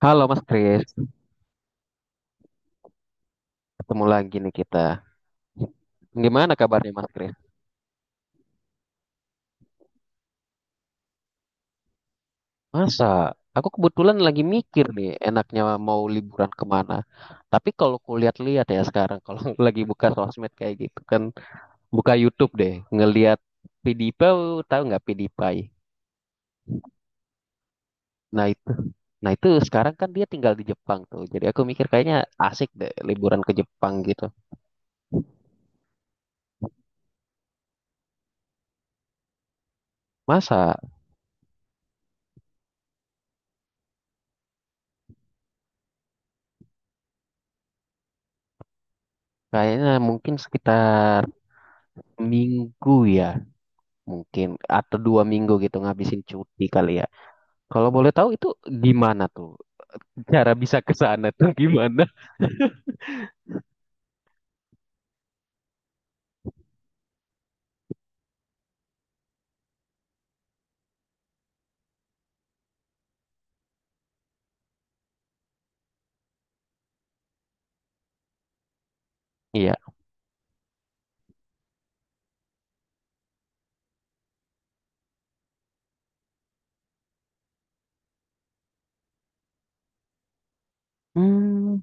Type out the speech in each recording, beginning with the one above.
Halo Mas Kris, ketemu lagi nih kita. Gimana kabarnya Mas Kris? Masa? Aku kebetulan lagi mikir nih enaknya mau liburan kemana. Tapi kalau aku lihat-lihat ya sekarang, kalau lagi buka sosmed kayak gitu kan, buka YouTube deh, ngelihat PewDiePie, tahu nggak PewDiePie? Nah itu, nah itu, sekarang kan dia tinggal di Jepang tuh. Jadi aku mikir kayaknya asik deh liburan ke Jepang gitu. Masa? Kayaknya mungkin sekitar minggu ya. Mungkin atau dua minggu gitu ngabisin cuti kali ya. Kalau boleh tahu itu gimana tuh? Cara bisa ke sana tuh gimana? Iya. Hmm,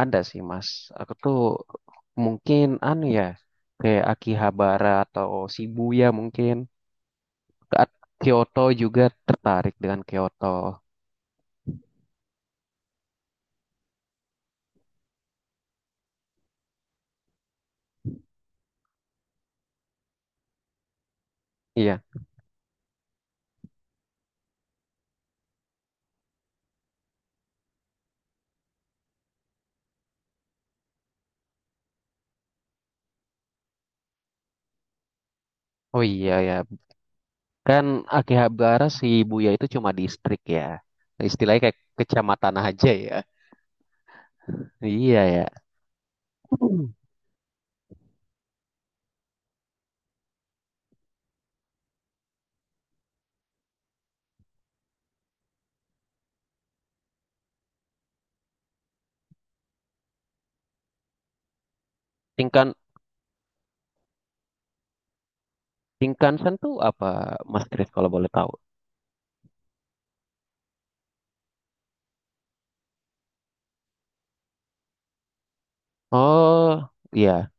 ada sih Mas. Aku tuh mungkin anu ya kayak Akihabara atau Shibuya mungkin. Kyoto juga tertarik dengan Kyoto. Iya. Oh iya ya. Kan Akihabara Shibuya itu cuma distrik ya. Istilahnya kayak kecamatan aja ya. Iya ya. Tingkan Shinkansen tuh apa, Mas Chris? Kalau boleh tahu? Oh, iya.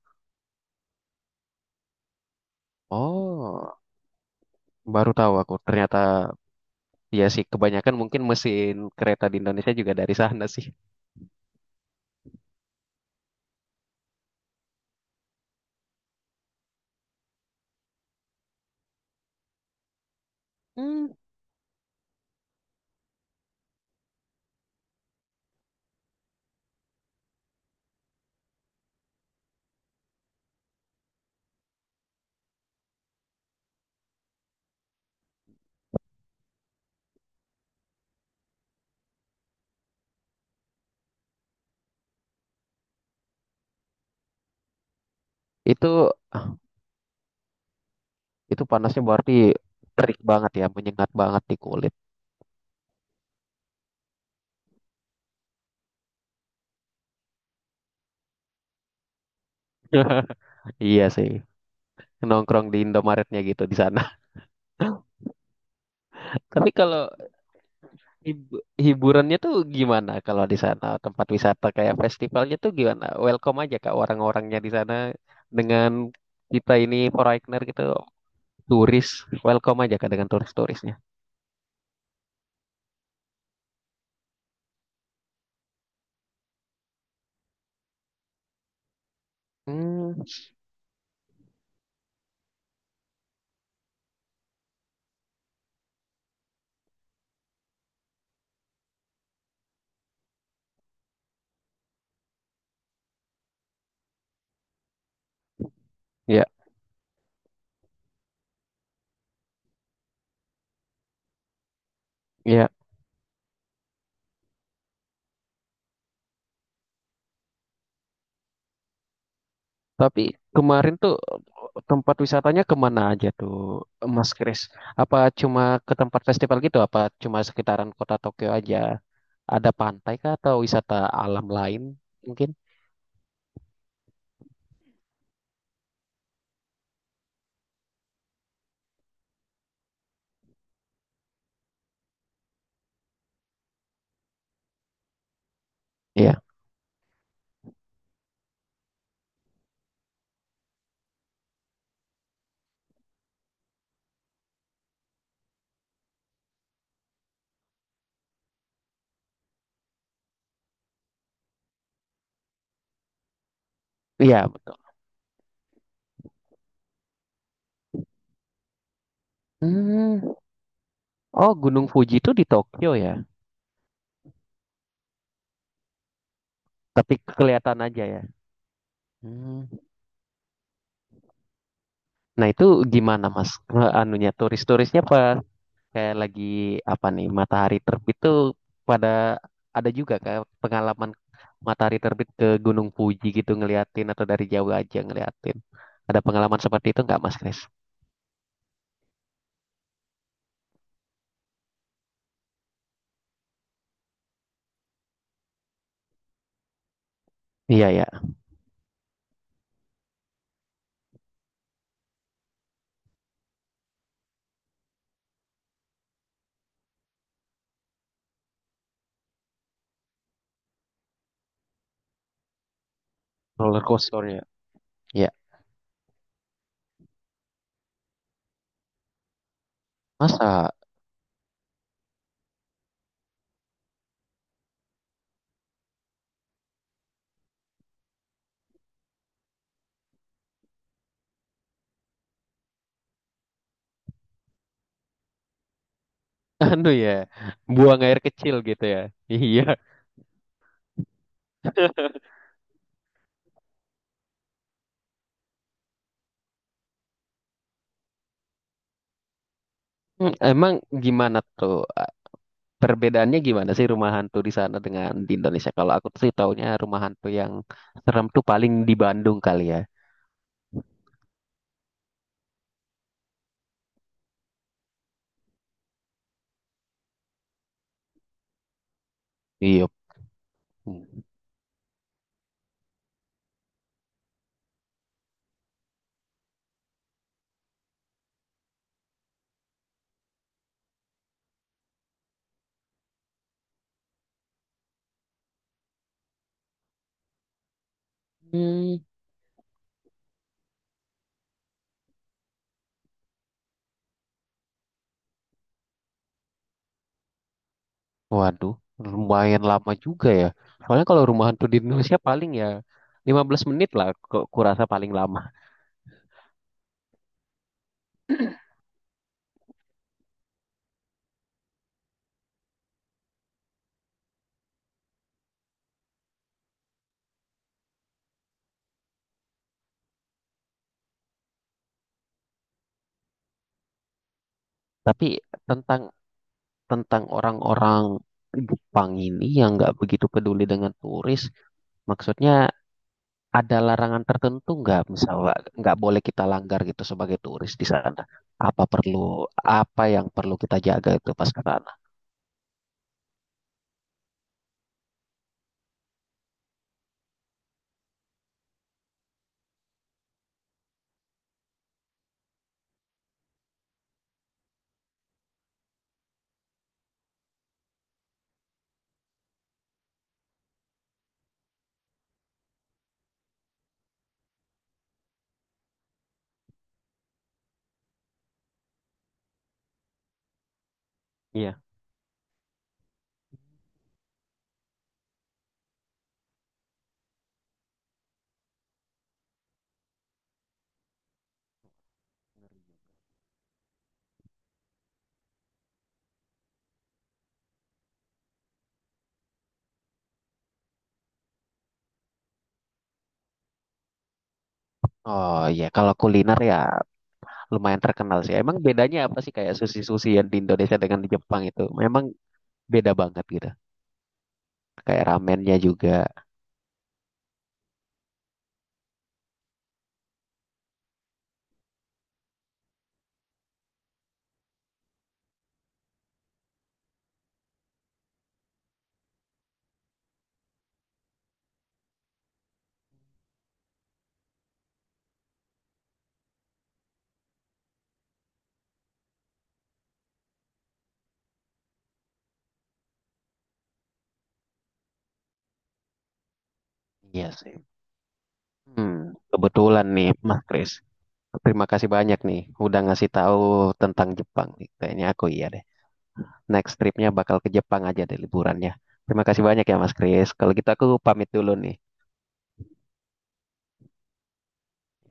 Oh, baru tahu aku. Ternyata ya sih kebanyakan mungkin mesin kereta di Indonesia juga dari sana sih. Hmm, itu itu panasnya berarti terik banget ya, menyengat banget di kulit. Iya sih. Nongkrong di Indomaretnya gitu di sana. Tapi kalau hiburannya tuh gimana kalau di sana tempat wisata kayak festivalnya tuh gimana? Welcome aja kak orang-orangnya di sana dengan kita ini foreigner gitu, turis, welcome aja kak dengan turis-turisnya. Hmm, ya ya. Tapi kemarin tuh tempat wisatanya kemana aja tuh Mas Kris? Apa cuma ke tempat festival gitu? Apa cuma sekitaran kota Tokyo aja? Ada pantai kah atau wisata alam lain mungkin? Iya, iya betul. Hmm. Oh, Gunung Fuji itu di Tokyo ya? Tapi kelihatan aja ya. Hmm. Nah, itu gimana Mas? Eh, anunya turis-turisnya apa? Kayak lagi apa nih? Matahari terbit tuh pada ada juga kayak pengalaman matahari terbit ke Gunung Fuji gitu ngeliatin atau dari jauh aja ngeliatin. Ada pengalaman seperti itu nggak Mas Chris? Iya ya. Roller coasternya. Iya. Masa. Anu ya, buang air kecil gitu ya. Iya. Hmm, emang gimana tuh? Perbedaannya gimana sih rumah hantu di sana dengan di Indonesia? Kalau aku sih taunya rumah hantu yang serem tuh paling di Bandung kali ya. Iya. Hmm, waduh, lumayan lama juga ya. Soalnya kalau rumah hantu di Indonesia paling ya 15 menit lah kurasa paling lama. Tapi tentang tentang orang-orang Jepang ini yang nggak begitu peduli dengan turis, maksudnya ada larangan tertentu nggak misalnya nggak boleh kita langgar gitu sebagai turis di sana? Apa yang perlu kita jaga itu pas ke sana? Iya. Oh iya, kalau kuliner ya lumayan terkenal sih. Emang bedanya apa sih kayak sushi-sushi yang di Indonesia dengan di Jepang itu? Memang beda banget gitu. Kayak ramennya juga. Iya sih. Hmm, kebetulan nih Mas Kris. Terima kasih banyak nih udah ngasih tahu tentang Jepang nih. Kayaknya aku iya deh. Next tripnya bakal ke Jepang aja deh liburannya. Terima kasih banyak ya Mas Kris. Kalau gitu aku pamit dulu nih.